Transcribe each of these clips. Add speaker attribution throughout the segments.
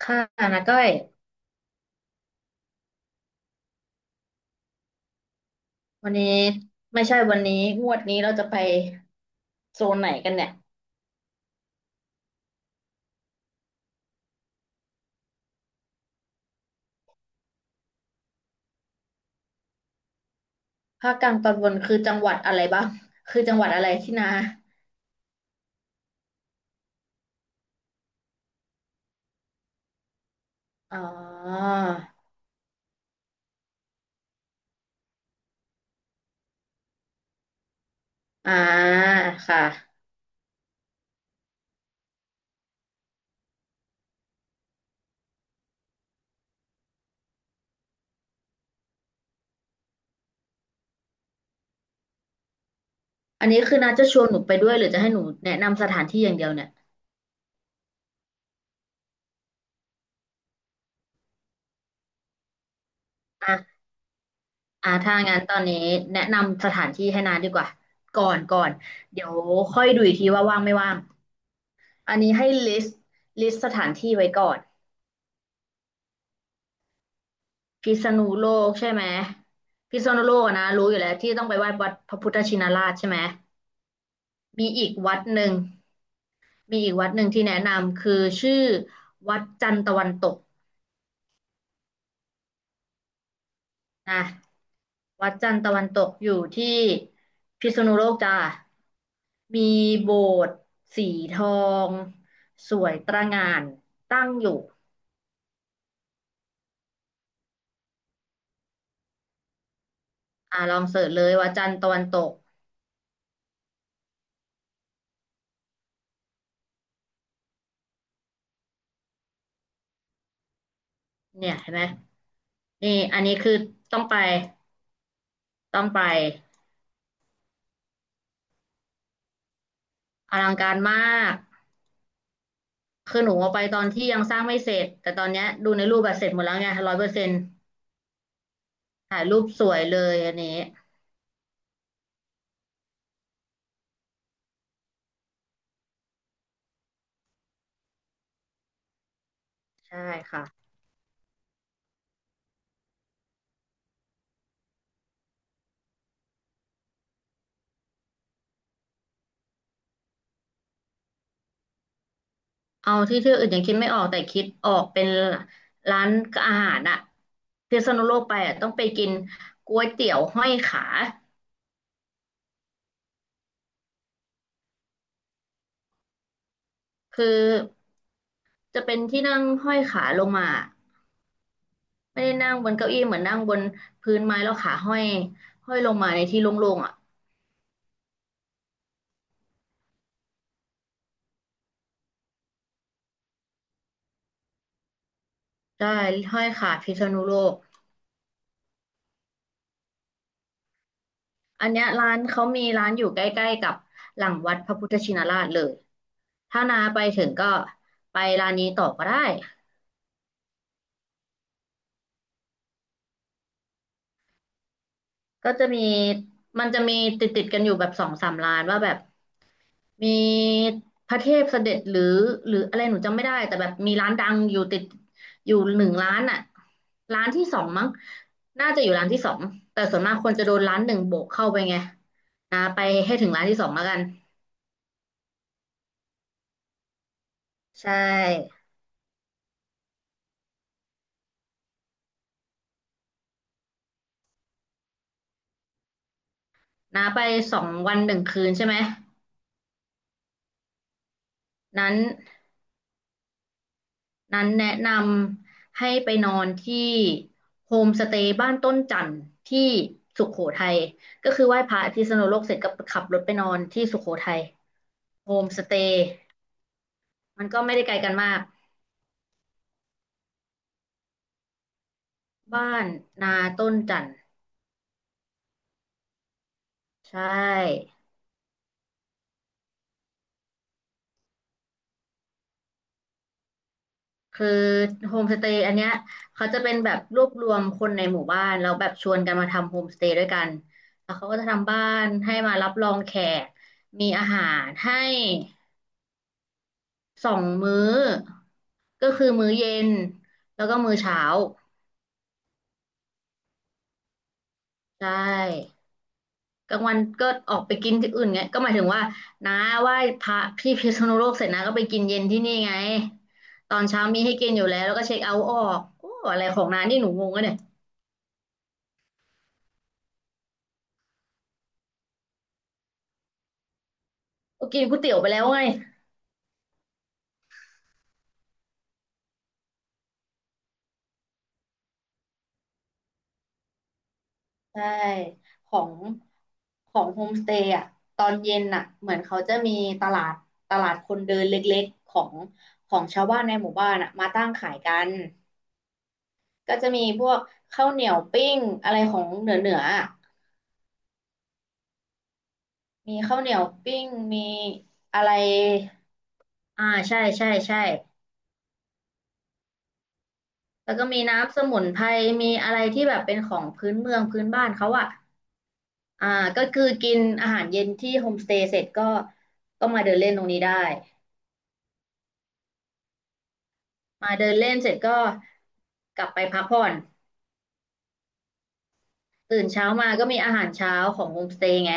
Speaker 1: ค่ะนะก้อยวันนี้ไม่ใช่วันนี้งวดนี้เราจะไปโซนไหนกันเนี่ยภาคกลางตอนบนคือจังหวัดอะไรบ้าง คือจังหวัดอะไรที่นาอ๋ออ่าค่ะอันนี้คือนาจะชวนหนูไปด้วยหรือจะให้หนูแนะนำสถานที่อย่างเดียวเนี่ยอ่ะอ่ะถ้างั้นตอนนี้แนะนำสถานที่ให้นาดีกว่าก่อนเดี๋ยวค่อยดูอีกทีว่าว่างไม่ว่างอันนี้ให้ลิสต์ลิสต์สถานที่ไว้ก่อน พิษณุโลกใช่ไหมพิษณุโลกอะนะรู้อยู่แล้วที่ต้องไปไหว้วัดพระพุทธชินราชใช่ไหมมีอีกวัดหนึ่งที่แนะนำคือชื่อวัดจันทร์ตะวันตกนะวัดจันทร์ตะวันตกอยู่ที่พิษณุโลกจ้ามีโบสถ์สีทองสวยตระหง่านตั้งอยู่อ่าลองเสิร์ชเลยวัดจันทร์ตะวันตกเนี่ยเห็นไหมนี่อันนี้คือต้องไปต้องไปอลังการมาก คือหนูเอาไปตอนที่ยังสร้างไม่เสร็จแต่ตอนเนี้ยดูในรูปแบบเสร็จหมดแล้วไงร้อยเปอร์เซ็นต์ถ่ายรูปสวยเลยอันนี้ใช่ค่ะเอาที่ที่อื่นยังคิดไม่ออกแต่คิดออกเป็นร้านอาหารอะพิษณุโลกไปอะต้องไปกินก๋วยเตี๋ยวห้อยขาคือจะเป็นที่นั่งห้อยขาลงมาไม่ได้นั่งบนเก้าอี้เหมือนนั่งบนพื้นไม้แล้วขาห้อยห้อยลงมาในที่โล่งๆอ่ะได้ห้อยขาพิษณุโลก อันเนี้ยร้านเขามีร้านอยู่ใกล้ๆกับหลังวัดพระพุทธชินราชเลยถ้านาไปถึงก็ไปร้านนี้ต่อก็ได้ก็จะมีมันจะมีติดติดกันอยู่แบบสองสามร้านว่าแบบมีพระเทพเสด็จหรืออะไรหนูจำไม่ได้แต่แบบมีร้านดังอยู่ติดอยู่หนึ่งร้านอ่ะร้านที่สองมั้งน่าจะอยู่ร้านที่สองแต่ส่วนมากคนจะโดนร้านหนึ่งโบกเข้าไปไงนาไปให้ถึงร้านที่สองแล้วกันใช่นาไปสองวันหนึ่งคืนใช่ไหม นั้นนั้นแนะนำให้ไปนอนที่โฮมสเตย์บ้านต้นจันทร์ที่สุโขทัยก็คือไหว้พระที่สนุโลกเสร็จก็ขับรถไปนอนที่สุโขทัยโฮมสเตย์มันก็ไม่ได้ไกลกันมากบ้านนาต้นจันทร์ใช่คือโฮมสเตย์อันเนี้ยเขาจะเป็นแบบรวบรวมคนในหมู่บ้านแล้วแบบชวนกันมาทำโฮมสเตย์ด้วยกันแล้วเขาก็จะทำบ้านให้มารับรองแขกมีอาหารให้ สองมื้อก็คือมื้อเย็นแล้วก็มื้อเช้าใช่กลางวันก็ออกไปกินที่อื่นไงก็หมายถึงว่าน้าไหว้พระที่พิษณุโลกเสร็จนะก็ไปกินเย็นที่นี่ไงตอนเช้ามีให้กินอยู่แล้วแล้วก็เช็คเอาท์ออกโอ้อะไรของน้านี่หนูงงอะเนี่ยก็กินก๋วยเตี๋ยวไปแล้วไงใช่ของของโฮมสเตย์อ่ะตอนเย็นอ่ะเหมือนเขาจะมีตลาดตลาดคนเดินเล็กๆของชาวบ้านในหมู่บ้านอ่ะมาตั้งขายกัน ก็จะมีพวกข้าวเหนียวปิ้งอะไรของเหนือเหนืออะมีข้าวเหนียวปิ้งมีอะไรอ่าใช่ใช่ใช่แล้วก็มีน้ำสมุนไพรมีอะไรที่แบบเป็นของพื้นเมืองพื้นบ้านเขาอ่ะอ่าก็คือกินอาหารเย็นที่โฮมสเตย์เสร็จก็ ก็มาเดินเล่นตรงนี้ได้ มาเดินเล่นเสร็จก็กลับไปพักผ่อนตื่นเช้ามาก็มีอาหารเช้าของโฮมสเตย์ไง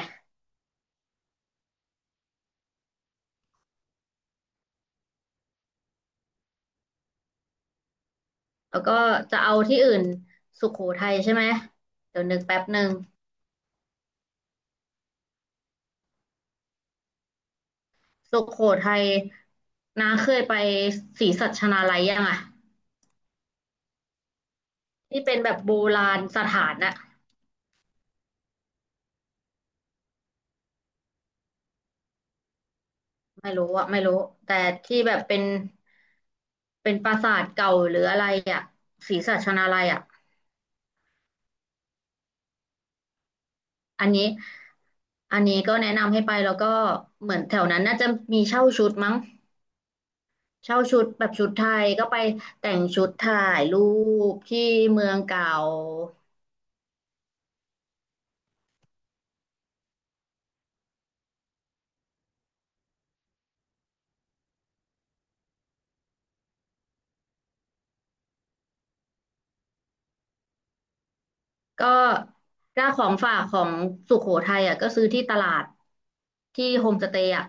Speaker 1: แล้วก็จะเอาที่อื่นสุโขทัยใช่ไหมเดี๋ยวนึกแป๊บหนึ่ง สุโขทัยน้าเคยไปศรีสัชนาลัยยังอ่ะที่เป็นแบบโบราณสถานอะไม่รู้อะไม่รู้แต่ที่แบบเป็นเป็นปราสาทเก่าหรืออะไรอะศรีสัชนาลัยอะอันนี้อันนี้ก็แนะนำให้ไปแล้วก็เหมือนแถวนั้นน่าจะมีเช่าชุดมั้งเช่าชุดแบบชุดไทยก็ไปแต่งชุดถ่ายรูปที่เมืองเก่า ก็ถ้าของฝากของสุโขทัยอ่ะก็ซื้อที่ตลาดที่โฮมสเตย์อ่ะ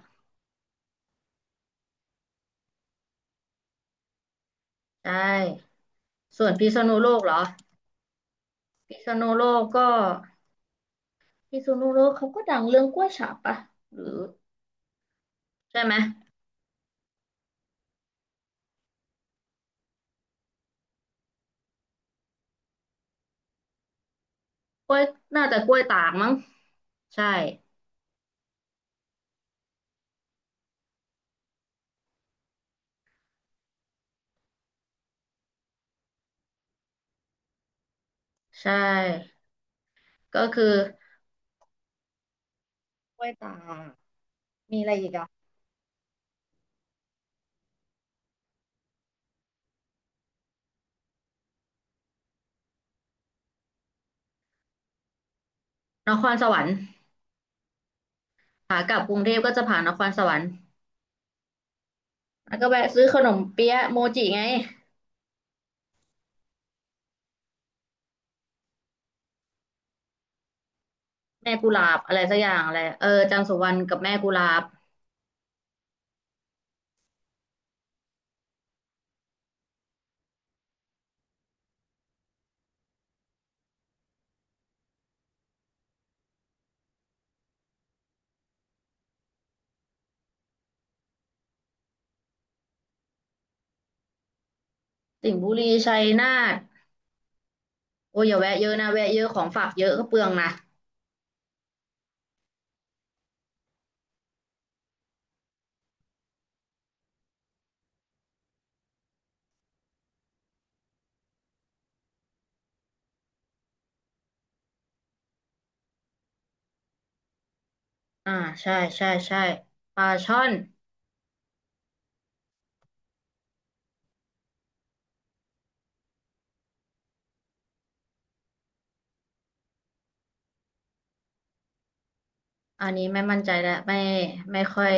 Speaker 1: ใช่ส่วนพิษณุโลกเหรอพิษณุโลกก็พิษณุโลกเขาก็ดังเรื่องกล้วยฉาบปะหรือใช่ไหมกล้วยน่าจะกล้วยตากมั้งใช่ใช่ก็คือกล้วยตากมีอะไรอีกอ่ะนครสวรรค์ขากลับกรุงเทพก็จะผ่านนครสวรรค์แล้วก็แวะซื้อขนมเปี๊ยะโมจิไงแม่กุหลาบอะไรสักอย่างอะไรเออจันทร์สุวรรณกับแม่กุหลาบ สิงห์บุรีชัยนาทโอ้ยอย่าแวะเยอะนะแวะเยอะของฝากเยอะก็เปลืองนะอ่าใช่ใช่ใช่ปลาช่อนอันนี้ไม่มั่นใจแล้วไม่ไม่ค่อย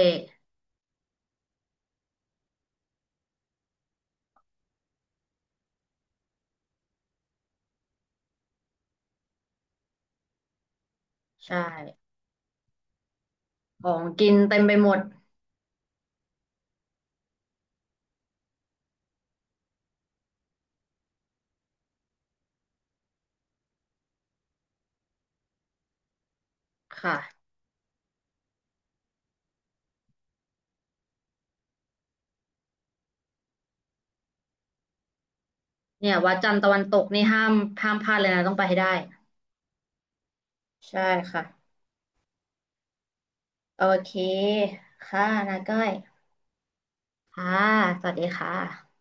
Speaker 1: ใช่ของกินเต็มไปหมดค่ะเนี่ยวัดจันทร์ตะวันตกนี่ห้ามห้ามพลาดเลยนะต้องไปให้ได้ใช่ค่ะโอเคค่ะนาก้อยค่ะสวัสดีค่ะ